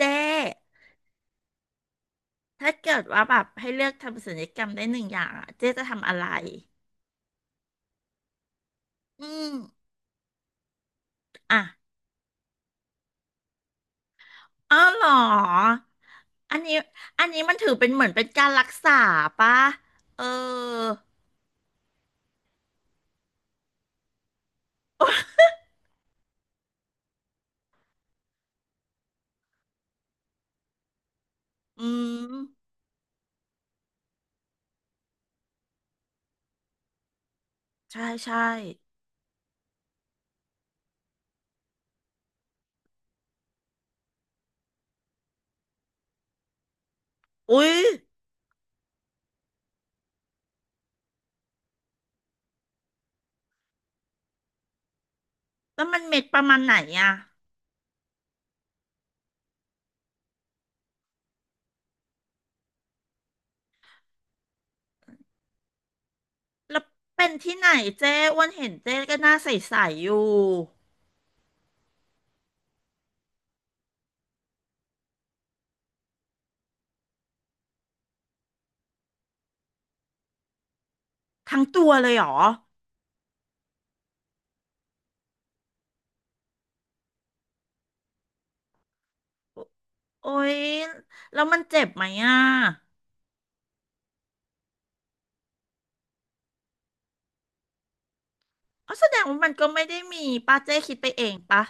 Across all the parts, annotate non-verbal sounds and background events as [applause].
เจ๊ถ้าเกิดว่าแบบให้เลือกทำศัลยกรรมได้หนึ่งอย่างอะเจ๊จะทำอะไรอืมอ่ะอ๋อเหรออันนี้มันถือเป็นเหมือนเป็นการรักษาปะเออ [laughs] อืมใช่ใช่อุ๊ยแล้วมันเม็ดประมาณไหนอะแล้วเป็นที่ไหนเจ๊อ้วันเห็นเจ๊ก็หน้าใสๆอยู่ทั้งตัวเลยเหรอโอ๊ยแล้วมันเจ็บไหมอะ อ๋อแสดงว่ามันก็ไม่ได้มีป้าเจ้คิดไปเองปะ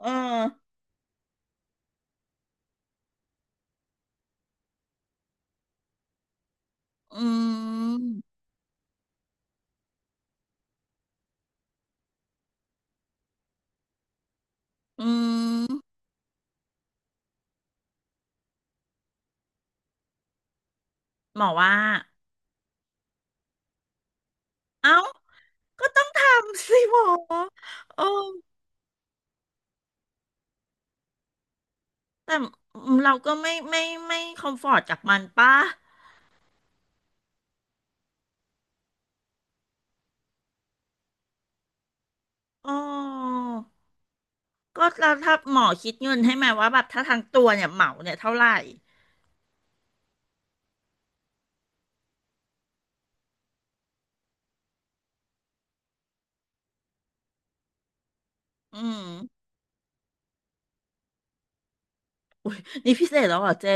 เอออืมอืมหมอว่าเอ้าก็ต้องทำสิหมอโอ้แต่เราก็ไม่คอมฟอร์ตกับมันปะอ๋อก็เราถ้าหมอคิดเงินให้ไหมว่าแบบถ้าทั้งตัวเนี่ยเหมาเนี่ยเท่าไหร่อืมนี่พิเศษแล้วเหรอเจ้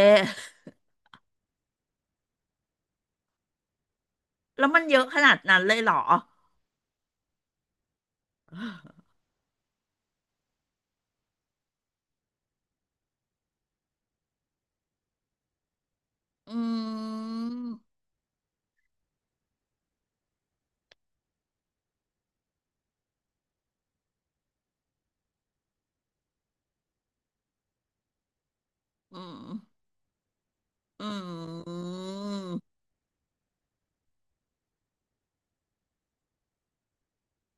แล้วมันเยอะขนาดนั้นเลยเหรออืมอืมอืม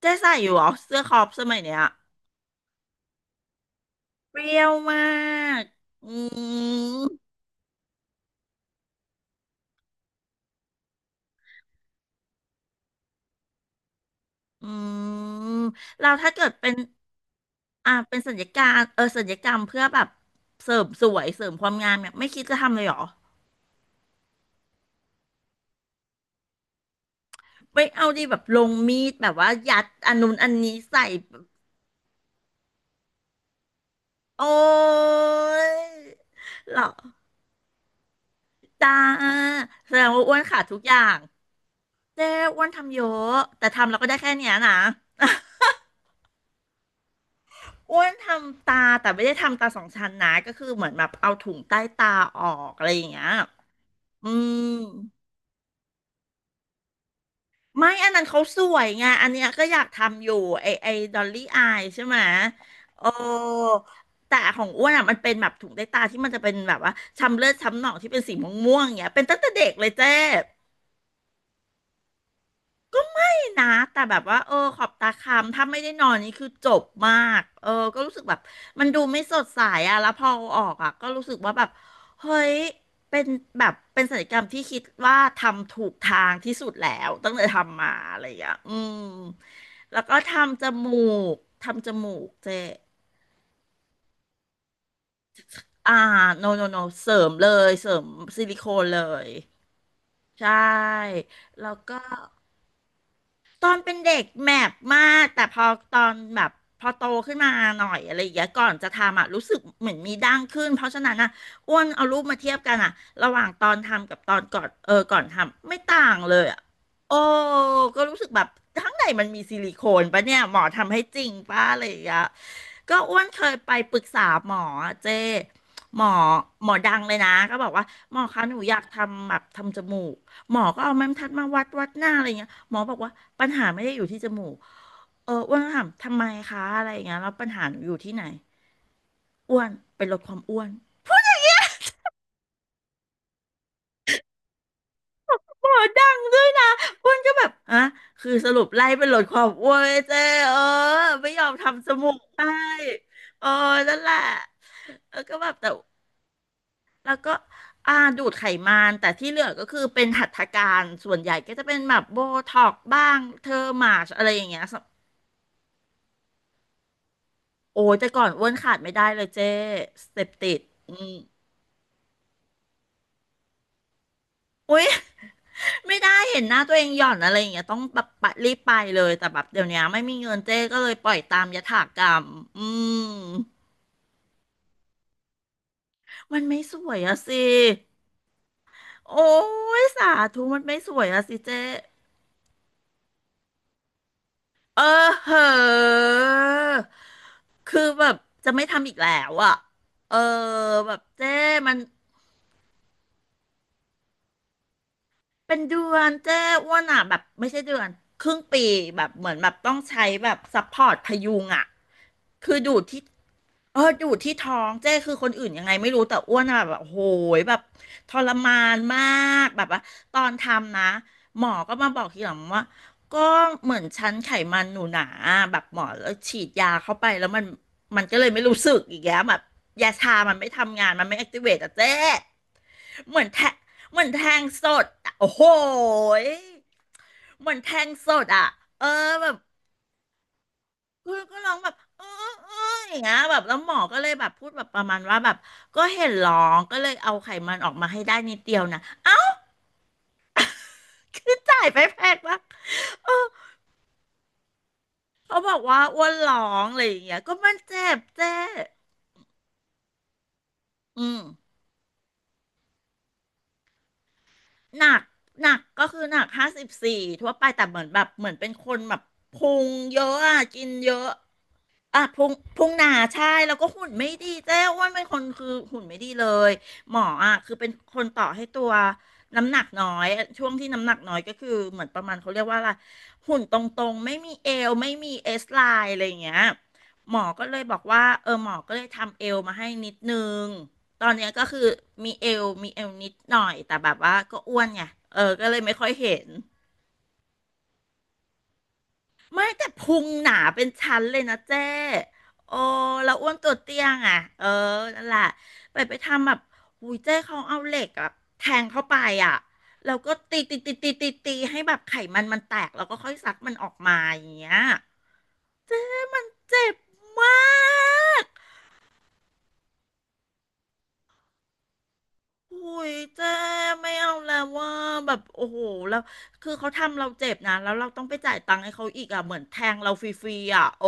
เจ๊ใส่อยู่เหรอเสื้อครอปสมัยเนี้ยเปรี้ยวมากอืมอืมเราถ้าเกิดเป็นอ่าเป็นสัญญการเออสัญญกรรมเพื่อแบบเสริมสวยเสริมความงามเนี่ยไม่คิดจะทำเลยเหรอไม่เอาดีแบบลงมีดแบบว่ายัดอันนู้นอันนี้ใส่แบบโอ้ยเหรอจ้าแสดงว่าอ้วนขาดทุกอย่างเจ๊อ้วนทำเยอะแต่ทำเราก็ได้แค่เนี้ยนะ อ้วนทำตาแต่ไม่ได้ทำตาสองชั้นนะก็คือเหมือนแบบเอาถุงใต้ตาออกอะไรอย่างเงี้ยอืมไม่อันนั้นเขาสวยไงอันเนี้ยก็อยากทำอยู่ไอดอลลี่อายใช่ไหมโอ้แต่ของอ้วนอ่ะมันเป็นแบบถุงใต้ตาที่มันจะเป็นแบบว่าช้ำเลือดช้ำหนองที่เป็นสีม่วงๆอย่างเงี้ยเป็นตั้งแต่เด็กเลยเจ๊ นะแต่แบบว่าเออขอบตาค้ำถ้าไม่ได้นอนนี่คือจบมากเออก็รู้สึกแบบมันดูไม่สดใสอะแล้วพอเอาออกอะก็รู้สึกว่าแบบเฮ้ยเป็นแบบเป็นศัลยกรรมที่คิดว่าทำถูกทางที่สุดแล้วตั้งแต่ทำมาอะไรอย่างเงี้ยอืมแล้วก็ทำจมูกเจอ่าโนโนโนเสริมเลยเสริมซิลิโคนเลยใช่แล้วก็ ตอนเป็นเด็กแมปมากแต่พอตอนแบบพอโตขึ้นมาหน่อยอะไรอย่างเงี้ยก่อนจะทำอ่ะรู้สึกเหมือนมีดั้งขึ้นเพราะฉะนั้นอะอ้วนเอารูปมาเทียบกันอ่ะระหว่างตอนทำกับตอนก่อนเออก่อนทำไม่ต่างเลยอ่ะโอ้ก็รู้สึกแบบข้างในมันมีซิลิโคนปะเนี่ยหมอทำให้จริงปะอะไรอย่างเงี้ยก็อ้วนเคยไปปรึกษาหมออเจ้หมอหมอดังเลยนะก็บอกว่าหมอคะหนูอยากทำแบบทำจมูกหมอก็เอาไม้บรรทัดมาวัดวัดหน้าอะไรเงี้ย หมอบอกว่าปัญหาไม่ได้อยู่ที่จมูกเอออ้วนก็ถามทำไมคะอะไรอย่างเงี้ยแล้วปัญหาหนูอยู่ที่ไหนอ้วนเป็นลดความอ้วนหมอดังด้วยนะอ้วนก็แบบอ่ะคือสรุปไล่เป็นลดความอ้วนเจ๊เออไม่ยอมทำจมูกให้เออนั่นแหละแล้วก็แบบแต่แล้วก็อ่าดูดไขมันแต่ที่เหลือก็คือเป็นหัตถการส่วนใหญ่ก็จะเป็นแบบโบท็อกบ้างเทอร์มาชอะไรอย่างเงี้ยโอ้ยแต่ก่อนอ้วนขาดไม่ได้เลยเจ๊สเต็ปติดอืม อุ๊ย [laughs] ไม่ได้เห็นหน้าตัวเองหย่อนอะไรอย่างเงี้ยต้องแบบปะรีบไปเลยแต่แบบเดี๋ยวนี้ไม่มีเงินเจ้ก็เลยปล่อยตามยถากรรมอืมมันไม่สวยอะสิโอ้ยสาธุมันไม่สวยอะสิเจ้เออเหอะคือแบบจะไม่ทำอีกแล้วอะเออแบบเจ้มัน เป็นเดือนเจ้อ้วนอ่ะแบบไม่ใช่เดือนครึ่งปีแบบเหมือนแบบต้องใช้แบบซัพพอร์ตพยุงอ่ะคือดูดที่เออดูดที่ท้องเจ้คือคนอื่นยังไงไม่รู้แต่อ้วนอะแบบโหยแบบทรมานมากแบบว่าตอนทำนะหมอก็มาบอกทีหลังว่าก็เหมือนชั้นไขมันหนูหนาแบบหมอแล้วฉีดยาเข้าไปแล้วมันก็เลยไม่รู้สึกอีกแล้วแบบยาชามันไม่ทำงานมันไม่แอคทีเวตอะเจ้เหมือนแทะ เหมือนแทงสดอะโอ้โหยเหมือนแทงสดอ่ะเออแบบคุณก็ร้องแบบเออเอออย่างเงี้ยแบบแล้วหมอก็เลยแบบพูดแบบประมาณว่าแบบก็เห็นร้องก็เลยเอาไขมันออกมาให้ได้นิดเดียวนะเอ้าคือจ่ายไปแพงมากเขาบอกว่าอ้วนร้องอะไรอย่างเงี้ยก็มันเจ็บเจ๊อืม หนักก็คือหนัก54ทั่วไปแต่เหมือนแบบเหมือนเป็นคนแบบพุงเยอะอะกินเยอะอ่ะพุงพุงหนาใช่แล้วก็หุ่นไม่ดีเจ้อ้วนเป็นคนคือหุ่นไม่ดีเลยหมออ่ะคือเป็นคนต่อให้ตัวน้ำหนักน้อยช่วงที่น้ำหนักน้อยก็คือเหมือนประมาณเขาเรียกว่าอะไรหุ่นตรงๆไม่มีเอวไม่มีเอสไลน์อะไรอย่างเงี้ยหมอก็เลยบอกว่าเออหมอก็เลยทำเอวมาให้นิดนึง ตอนเนี้ยก็คือมีเอวนิดหน่อยแต่แบบว่าก็อ้วนไงเออก็เลยไม่ค่อยเห็นไม่แต่พุงหนาเป็นชั้นเลยนะเจ้โอ้แล้วอ้วนตัวเตี้ยงอ่ะเออนั่นแหละไปทำแบบอุ้ยเจ้เขาเอาเหล็กอะแทงเข้าไปอ่ะแล้วก็ตีตีตีตีตีตีให้แบบไขมันมันแตกแล้วก็ค่อยซักมันออกมาอย่างเงี้ยเจ๊มันเจ็บมาก โอ้ยเจ๊ไม่เอาแล้วว่าแบบโอ้โหแล้วคือเขาทำเราเจ็บนะแล้วเราต้องไปจ่ายตังค์ให้เขาอีกอ่ะเหมือนแทงเราฟรีๆอ่ะโอ้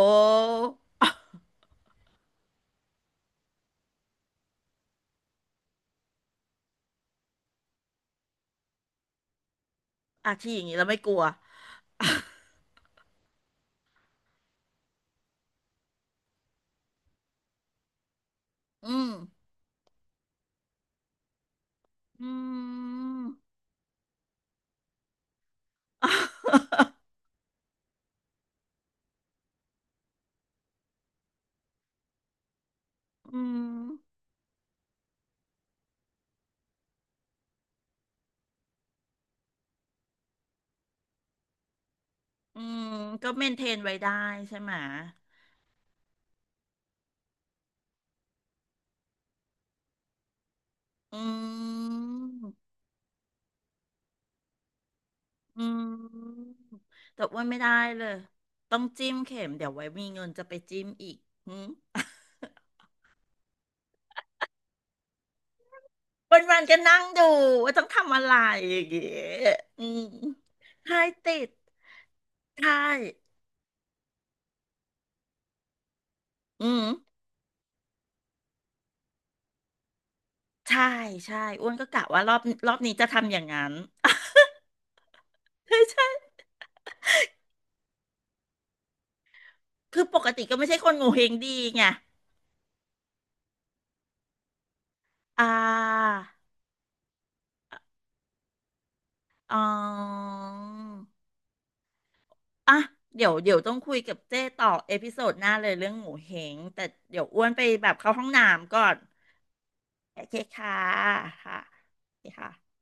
อาชีอย่างนี้แล้วไม่กลัว [laughs] อืมอืม [laughs] อืมอืมก็เมนเทนไว้ได้ใช่ไหมอืมอืมแต่อ้ว่าไม่ได้เลยต้องจิ้มเข็มเดี๋ยวไว้มีเงินจะไปจิ้มอีกหืม วันวันก็นั่งดูว่าต้องทำอะไรอย่างเงี้ยอืมใช่ติดใช่อืมใช่ใช่อ้วนก็กะว่ารอบนี้จะทำอย่างนั้น [laughs] ใช่ใช่คือปกติก็ไม่ใช่คนโงเฮงดีไงอ่าอ๋ออ่ะเดี๋ยวต้องคุยกับเจ้ต่อเอพิโซดหน้าเลยเรื่องหมูเฮงแต่เดี๋ยวอ้วนไปแบบเข้าห้องน้ำก่อนโอเคค่ะค่ะโอเคค่ะ